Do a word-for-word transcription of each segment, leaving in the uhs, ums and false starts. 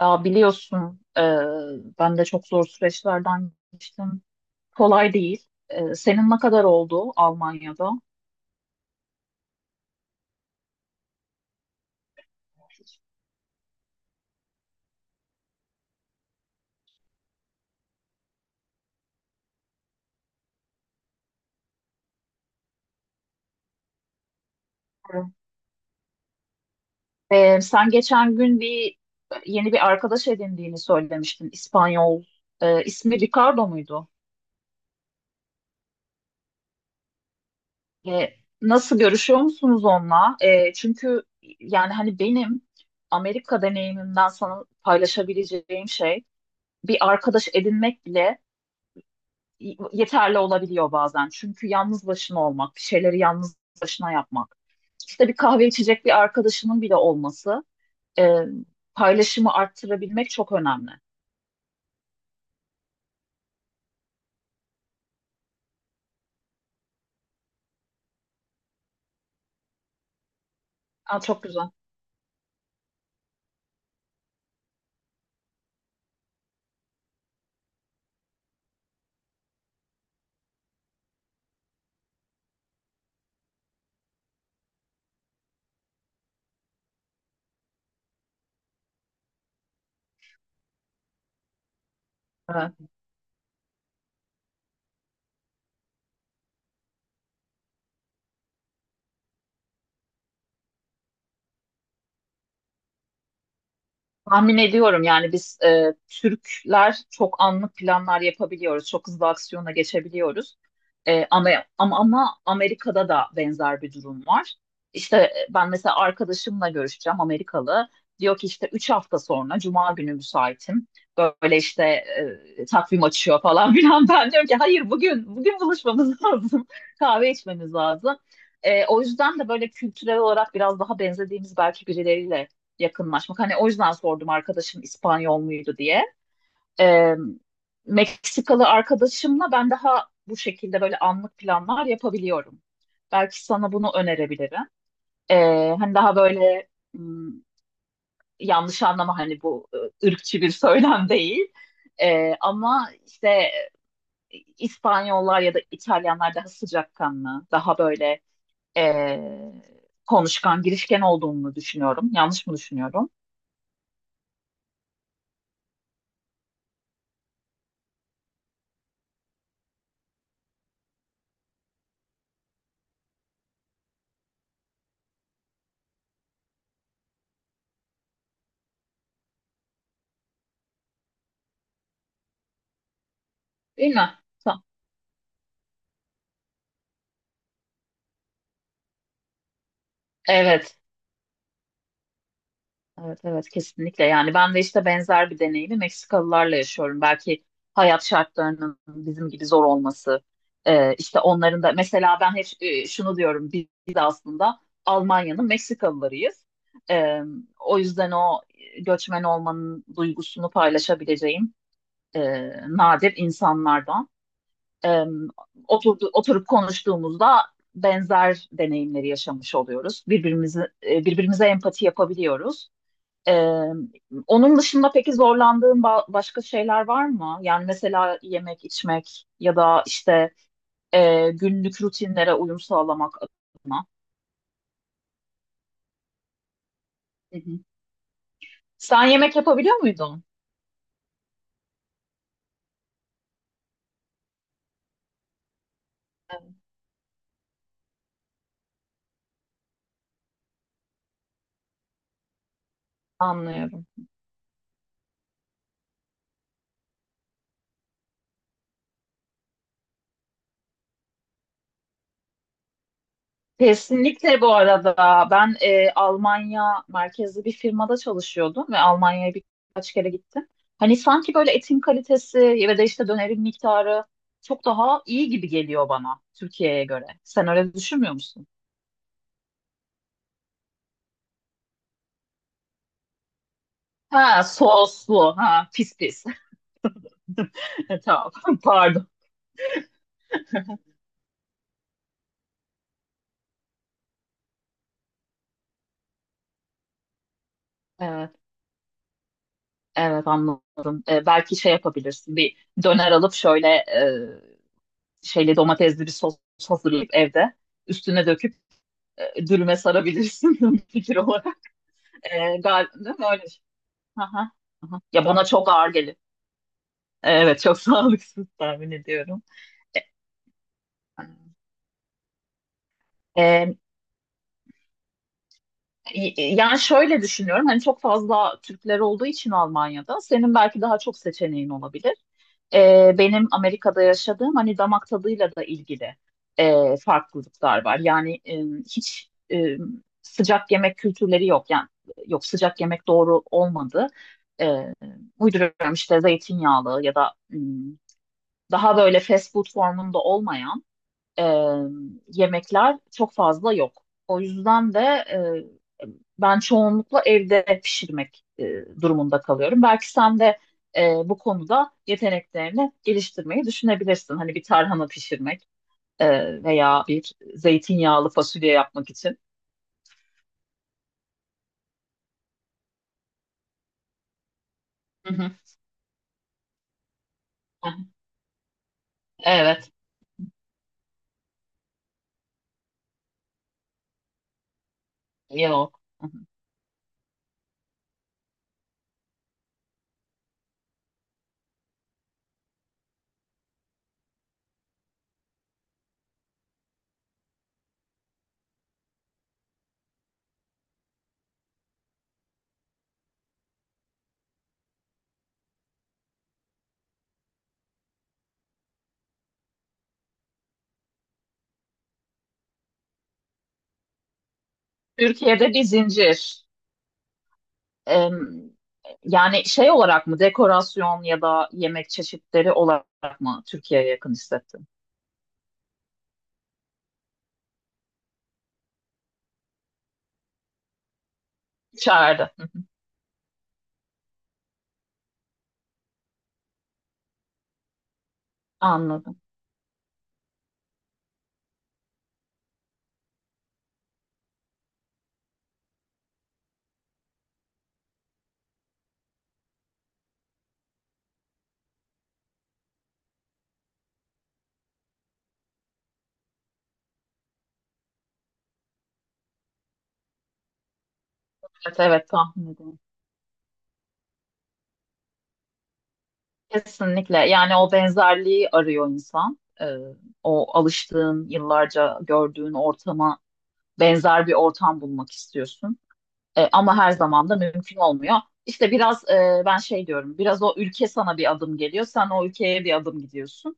Ya biliyorsun e, ben de çok zor süreçlerden geçtim. Kolay değil. E, senin ne kadar oldu Almanya'da? E, sen geçen gün bir yeni bir arkadaş edindiğini söylemiştin. İspanyol. E, ismi Ricardo muydu? E, nasıl, görüşüyor musunuz onunla? E, çünkü yani hani benim Amerika deneyimimden sana paylaşabileceğim şey bir arkadaş edinmek bile yeterli olabiliyor bazen. Çünkü yalnız başına olmak, bir şeyleri yalnız başına yapmak, işte bir kahve içecek bir arkadaşının bile olması, e, paylaşımı arttırabilmek çok önemli. Aa, çok güzel. Evet. Tahmin ediyorum, yani biz e, Türkler çok anlık planlar yapabiliyoruz. Çok hızlı aksiyona geçebiliyoruz. E, ama, ama, ama Amerika'da da benzer bir durum var. İşte e, ben mesela arkadaşımla görüşeceğim, Amerikalı. Diyor ki işte üç hafta sonra Cuma günü müsaitim. Böyle işte e, takvim açıyor falan filan. Ben diyorum ki hayır, bugün bugün buluşmamız lazım. Kahve içmemiz lazım. E, o yüzden de böyle kültürel olarak biraz daha benzediğimiz belki birileriyle yakınlaşmak. Hani o yüzden sordum, arkadaşım İspanyol muydu diye. Ee, Meksikalı arkadaşımla ben daha bu şekilde böyle anlık planlar yapabiliyorum. Belki sana bunu önerebilirim. Ee, hani daha böyle, m, yanlış anlama, hani bu e, ırkçı bir söylem değil. Ee, ama işte İspanyollar ya da İtalyanlar daha sıcakkanlı, daha böyle e, konuşkan, girişken olduğunu düşünüyorum. Yanlış mı düşünüyorum? Değil mi? Ta- Evet. Evet, evet, kesinlikle. Yani ben de işte benzer bir deneyimi Meksikalılarla yaşıyorum. Belki hayat şartlarının bizim gibi zor olması, e, işte onların da, mesela ben hep e, şunu diyorum, biz biz aslında Almanya'nın Meksikalılarıyız. E, o yüzden o göçmen olmanın duygusunu paylaşabileceğim e, nadir insanlardan. E, oturdu, oturup konuştuğumuzda benzer deneyimleri yaşamış oluyoruz. Birbirimizi, e, birbirimize empati yapabiliyoruz. Ee, onun dışında peki zorlandığın ba- başka şeyler var mı? Yani mesela yemek, içmek ya da işte e, günlük rutinlere uyum sağlamak adına. Hı hı. Sen yemek yapabiliyor muydun? Evet. Anlıyorum. Kesinlikle. Bu arada ben e, Almanya merkezli bir firmada çalışıyordum ve Almanya'ya birkaç kere gittim. Hani sanki böyle etin kalitesi ve de işte dönerin miktarı çok daha iyi gibi geliyor bana, Türkiye'ye göre. Sen öyle düşünmüyor musun? Ha, soslu. Ha, pis pis. E, tamam. Pardon. Evet, evet, anladım. Ee, belki şey yapabilirsin. Bir döner alıp şöyle e, şeyli, domatesli bir sos hazırlayıp evde üstüne döküp e, dürüme sarabilirsin, bir fikir olarak. Ee, gal değil mi öyle? Aha, aha. Ya bana çok ağır gelir. Evet, çok sağlıksız tahmin ediyorum. Ee, Yani şöyle düşünüyorum, hani çok fazla Türkler olduğu için Almanya'da senin belki daha çok seçeneğin olabilir. Ee, benim Amerika'da yaşadığım, hani damak tadıyla da ilgili e, farklılıklar var. Yani e, hiç e, sıcak yemek kültürleri yok. Yani yok, sıcak yemek doğru olmadı. Ee, uyduruyorum işte, zeytinyağlı ya da m, daha böyle fast food formunda olmayan e, yemekler çok fazla yok. O yüzden de e, ben çoğunlukla evde pişirmek e, durumunda kalıyorum. Belki sen de e, bu konuda yeteneklerini geliştirmeyi düşünebilirsin. Hani bir tarhana pişirmek e, veya bir zeytinyağlı fasulye yapmak için. Hı hı. Hı hı. Evet, yok. Hı hı. Türkiye'de bir zincir. Em, yani şey olarak mı, dekorasyon ya da yemek çeşitleri olarak mı Türkiye'ye yakın hissettin? İçeride. Anladım. Evet, evet, tahmin ediyorum. Kesinlikle. Yani o benzerliği arıyor insan. Ee, o alıştığın, yıllarca gördüğün ortama benzer bir ortam bulmak istiyorsun. Ee, ama her zaman da mümkün olmuyor. İşte biraz e, ben şey diyorum, biraz o ülke sana bir adım geliyor, sen o ülkeye bir adım gidiyorsun.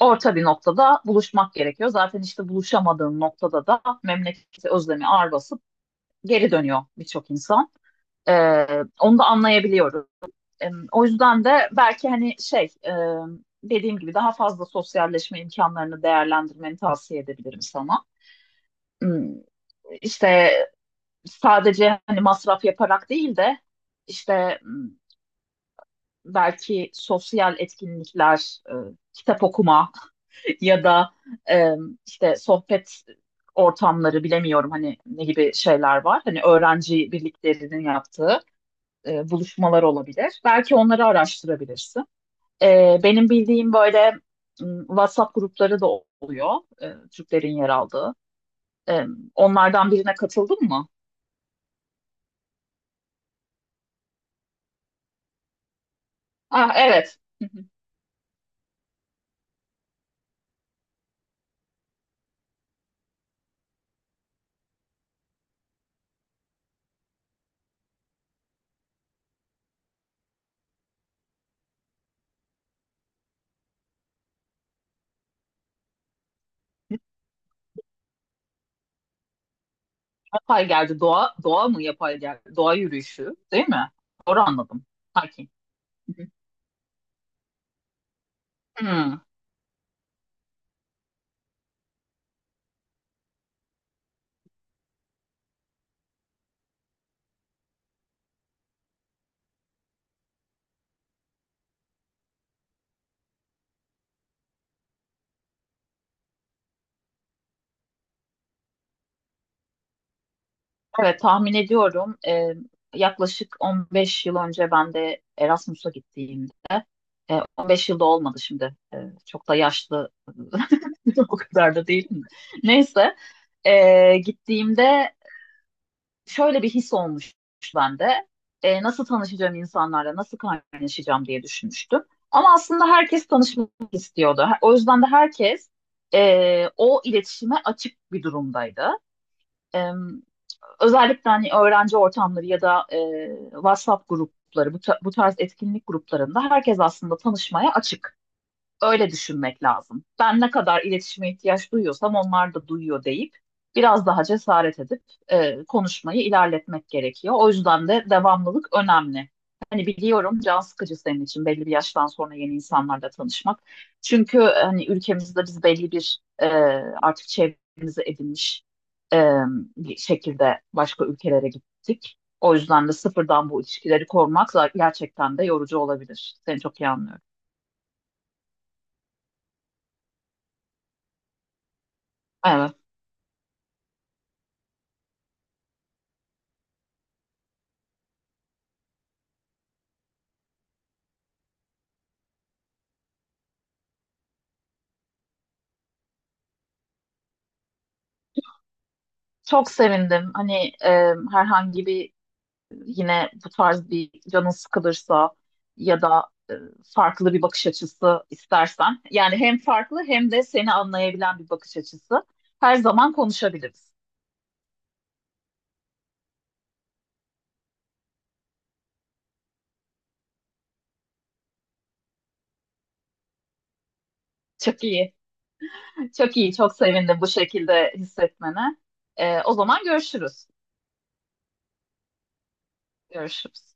Orta bir noktada buluşmak gerekiyor. Zaten işte buluşamadığın noktada da memleketi özlemi ağır basıp geri dönüyor birçok insan. Ee, onu da anlayabiliyorum. E, o yüzden de belki hani şey, e, dediğim gibi daha fazla sosyalleşme imkanlarını değerlendirmeni tavsiye edebilirim sana. Hmm, İşte sadece hani masraf yaparak değil de, işte hmm, belki sosyal etkinlikler, e, kitap okuma ya da e, işte sohbet ortamları, bilemiyorum hani ne gibi şeyler var. Hani öğrenci birliklerinin yaptığı e, buluşmalar olabilir. Belki onları araştırabilirsin. Ee, benim bildiğim böyle m, WhatsApp grupları da oluyor, e, Türklerin yer aldığı. E, onlardan birine katıldın mı? Ah, evet. Hı hı. Yapay geldi. Doğa, doğa mı yapay geldi? Doğa yürüyüşü, değil mi? Doğru anladım. Hakim. Hı hı. Hmm. Evet, tahmin ediyorum. E, yaklaşık on beş yıl önce ben de Erasmus'a gittiğimde, e, on beş yılda olmadı şimdi. E, çok da yaşlı, o kadar da değilim. Neyse, e, gittiğimde şöyle bir his olmuş bende. E, nasıl tanışacağım insanlarla, nasıl kaynaşacağım diye düşünmüştüm. Ama aslında herkes tanışmak istiyordu. O yüzden de herkes e, o iletişime açık bir durumdaydı. E, özellikle hani öğrenci ortamları ya da e, WhatsApp grupları, bu, ta- bu tarz etkinlik gruplarında herkes aslında tanışmaya açık. Öyle düşünmek lazım. Ben ne kadar iletişime ihtiyaç duyuyorsam onlar da duyuyor deyip biraz daha cesaret edip e, konuşmayı ilerletmek gerekiyor. O yüzden de devamlılık önemli. Hani biliyorum, can sıkıcı senin için belli bir yaştan sonra yeni insanlarla tanışmak. Çünkü hani ülkemizde biz belli bir e, artık çevremizi edinmiş e, bir şekilde başka ülkelere gittik. O yüzden de sıfırdan bu ilişkileri kurmak gerçekten de yorucu olabilir. Seni çok iyi anlıyorum. Evet. Çok sevindim. Hani e, herhangi bir, yine bu tarz bir canın sıkılırsa ya da e, farklı bir bakış açısı istersen. Yani hem farklı hem de seni anlayabilen bir bakış açısı. Her zaman konuşabiliriz. Çok iyi. Çok iyi. Çok sevindim bu şekilde hissetmene. E, o zaman görüşürüz. Görüşürüz.